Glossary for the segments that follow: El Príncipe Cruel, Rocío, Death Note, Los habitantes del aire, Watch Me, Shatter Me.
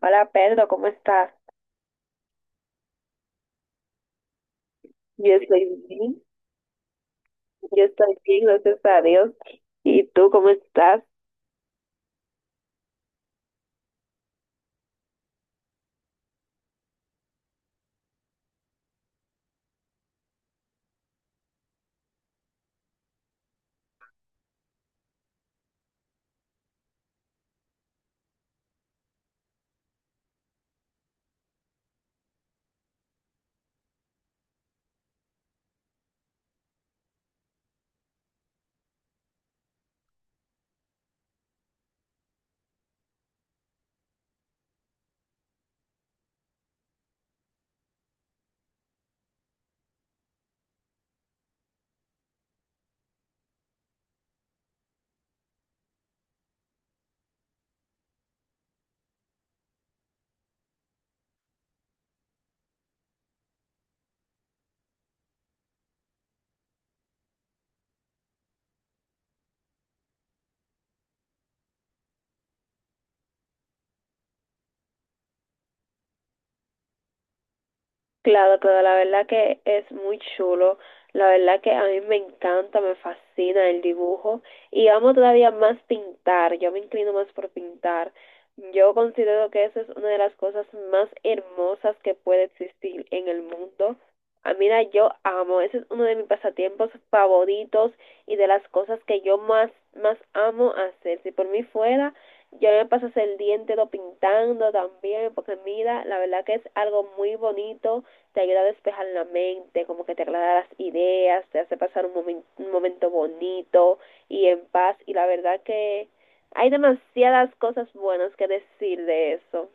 Hola Pedro, ¿cómo estás? Yo estoy bien, yo estoy bien, gracias a Dios. ¿Y tú cómo estás? Claro, claro, la verdad que es muy chulo. La verdad que a mí me encanta, me fascina el dibujo y amo todavía más pintar. Yo me inclino más por pintar. Yo considero que eso es una de las cosas más hermosas que puede existir en el mundo. Ah, mira, yo amo, ese es uno de mis pasatiempos favoritos y de las cosas que yo más, más amo hacer. Si por mí fuera, yo me pasas el día entero pintando también, porque mira, la verdad que es algo muy bonito, te ayuda a despejar la mente, como que te aclara las ideas, te hace pasar un, un momento bonito y en paz. Y la verdad que hay demasiadas cosas buenas que decir de eso.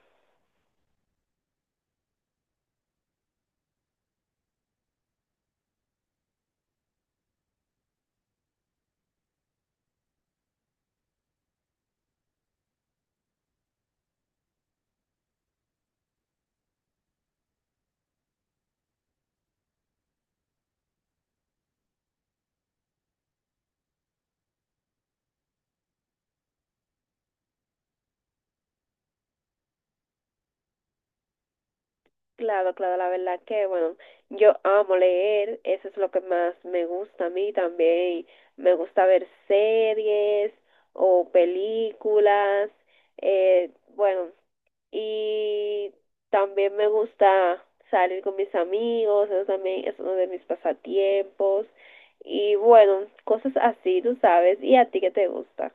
Claro, claro, la verdad que, bueno, yo amo leer, eso es lo que más me gusta a mí también. Me gusta ver series o películas, bueno, y también me gusta salir con mis amigos, eso también es uno de mis pasatiempos, y bueno, cosas así, tú sabes, ¿y a ti qué te gusta?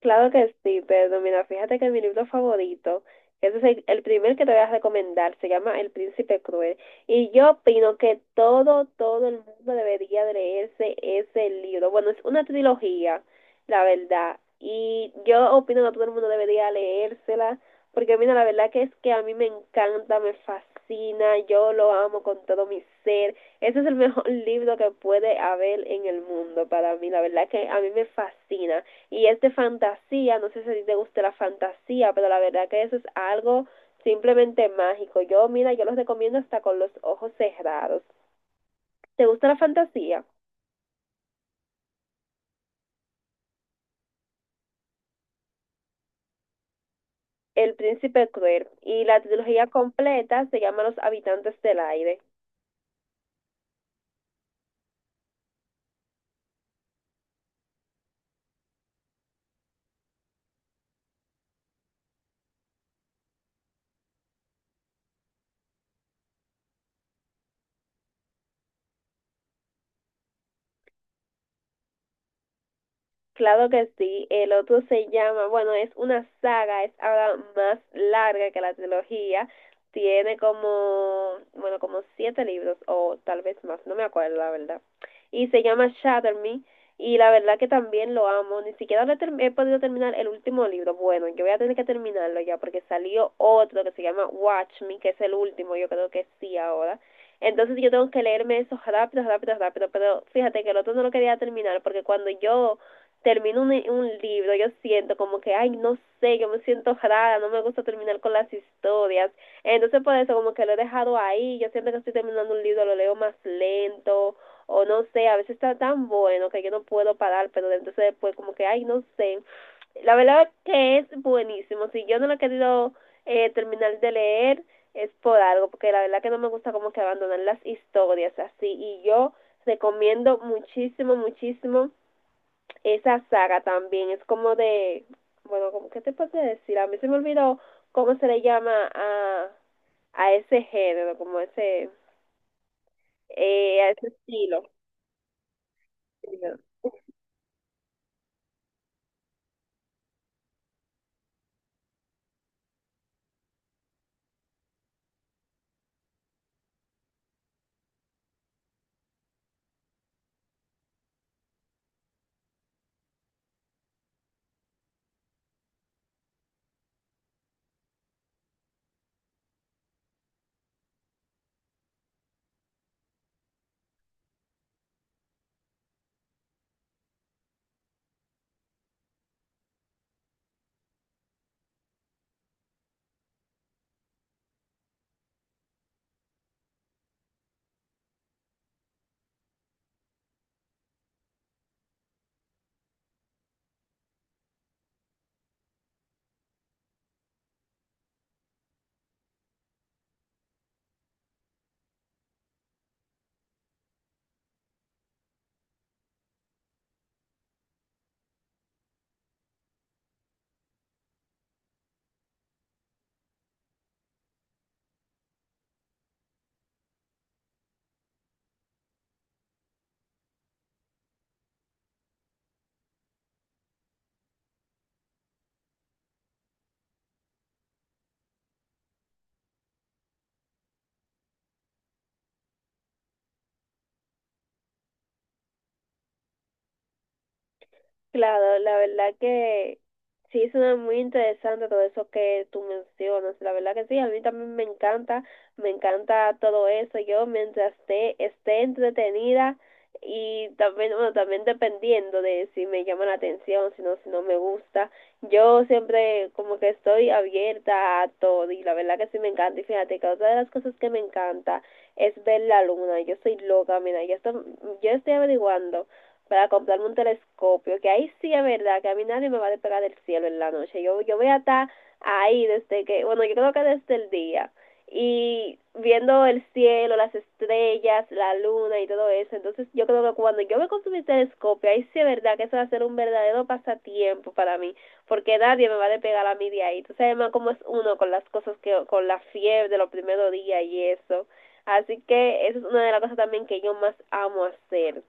Claro que sí, pero mira, fíjate que mi libro favorito, ese es el primer que te voy a recomendar, se llama El Príncipe Cruel. Y yo opino que todo, todo el mundo debería de leerse ese libro. Bueno, es una trilogía, la verdad. Y yo opino que todo el mundo debería leérsela, porque mira, la verdad que es que a mí me encanta, me fascina, yo lo amo con todo mi ser. Ese es el mejor libro que puede haber en el mundo para mí, la verdad que a mí me fascina y es de fantasía, no sé si te gusta la fantasía, pero la verdad que eso es algo simplemente mágico. Yo, mira, yo los recomiendo hasta con los ojos cerrados. ¿Te gusta la fantasía? El príncipe cruel, y la trilogía completa se llama Los habitantes del aire. Claro que sí, el otro se llama, bueno, es una saga, es ahora más larga que la trilogía, tiene como, bueno, como siete libros o tal vez más, no me acuerdo la verdad. Y se llama Shatter Me y la verdad que también lo amo, ni siquiera lo he, he podido terminar el último libro. Bueno, yo voy a tener que terminarlo ya porque salió otro que se llama Watch Me, que es el último, yo creo que sí ahora. Entonces yo tengo que leerme eso rápido, rápido, rápido, pero fíjate que el otro no lo quería terminar porque cuando yo termino un libro, yo siento como que, ay, no sé, yo me siento rara, no me gusta terminar con las historias. Entonces por eso como que lo he dejado ahí, yo siempre que estoy terminando un libro, lo leo más lento o no sé, a veces está tan bueno que yo no puedo parar, pero entonces después como que, ay, no sé. La verdad que es buenísimo, si yo no lo he querido terminar de leer es por algo, porque la verdad que no me gusta como que abandonar las historias así y yo recomiendo muchísimo, muchísimo esa saga también es como de, bueno, como, ¿qué te puedo decir? A mí se me olvidó cómo se le llama a ese género, como ese, a ese estilo. Claro, la verdad que sí suena muy interesante todo eso que tú mencionas. La verdad que sí, a mí también me encanta todo eso. Yo mientras esté, esté entretenida y también, bueno, también dependiendo de si me llama la atención, si no, si no me gusta. Yo siempre como que estoy abierta a todo y la verdad que sí me encanta. Y fíjate que otra de las cosas que me encanta es ver la luna. Yo soy loca, mira, yo estoy averiguando para comprarme un telescopio, que ahí sí es verdad, que a mí nadie me va a despegar del cielo en la noche. Yo voy a estar ahí desde que, bueno, yo creo que desde el día. Y viendo el cielo, las estrellas, la luna y todo eso. Entonces yo creo que cuando yo me consumí el telescopio, ahí sí es verdad que eso va a ser un verdadero pasatiempo para mí, porque nadie me va a despegar a mí de ahí. Tú sabes más cómo es uno con las cosas que, con la fiebre de los primeros días y eso. Así que esa es una de las cosas también que yo más amo hacer.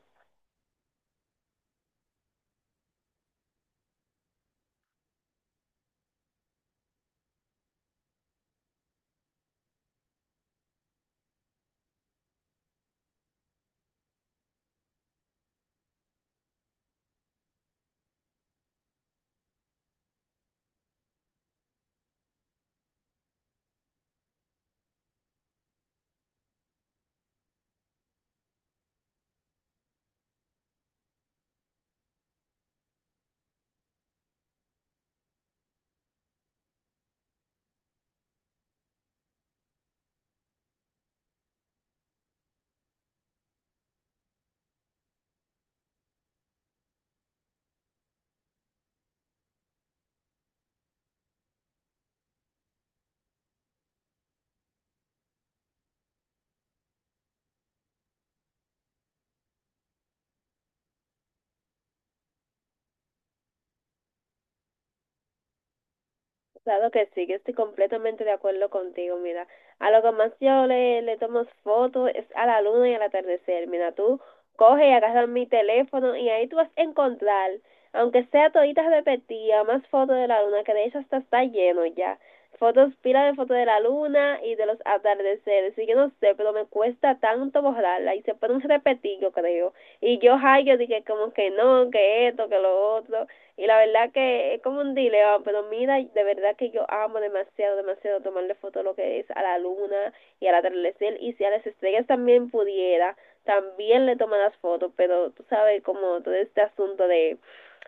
Claro que sí, que estoy completamente de acuerdo contigo, mira. A lo que más yo le tomo fotos es a la luna y al atardecer. Mira, tú coge y agarra mi teléfono y ahí tú vas a encontrar, aunque sea toditas repetidas, más fotos de la luna, que de hecho hasta está lleno ya. Fotos, pila de fotos de la luna y de los atardeceres. Y yo no sé, pero me cuesta tanto borrarla y se ponen repetir, yo creo. Y yo, ay, yo dije como que no, que esto, que lo otro. Y la verdad que es como un dilema, pero mira, de verdad que yo amo demasiado, demasiado tomarle fotos lo que es a la luna y al atardecer. Y si a las estrellas también pudiera, también le toman las fotos, pero tú sabes como todo este asunto de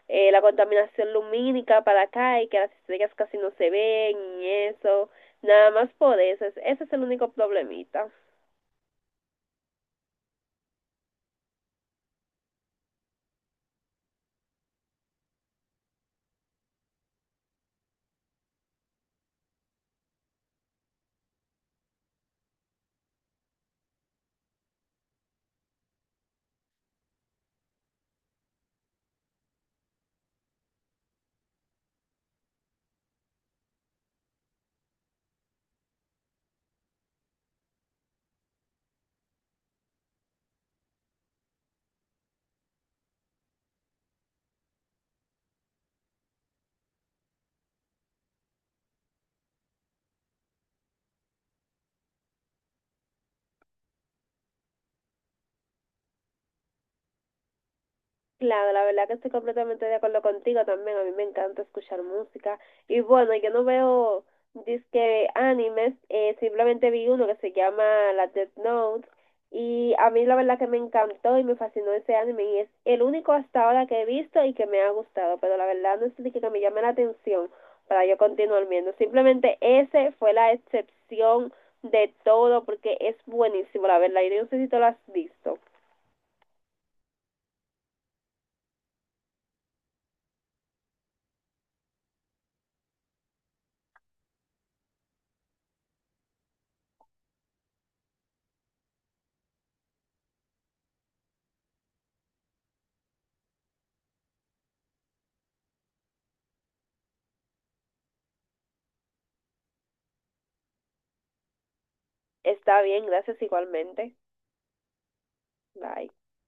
la contaminación lumínica para acá y que las estrellas casi no se ven y eso, nada más por eso, ese es el único problemita. Claro, la verdad que estoy completamente de acuerdo contigo también. A mí me encanta escuchar música. Y bueno, yo no veo disque animes, simplemente vi uno que se llama La Death Note. Y a mí la verdad que me encantó y me fascinó ese anime. Y es el único hasta ahora que he visto y que me ha gustado. Pero la verdad no es de que me llame la atención para yo continuar viendo. Simplemente ese fue la excepción de todo porque es buenísimo, la verdad. Y yo no sé si tú lo has visto. Está bien, gracias igualmente. Bye.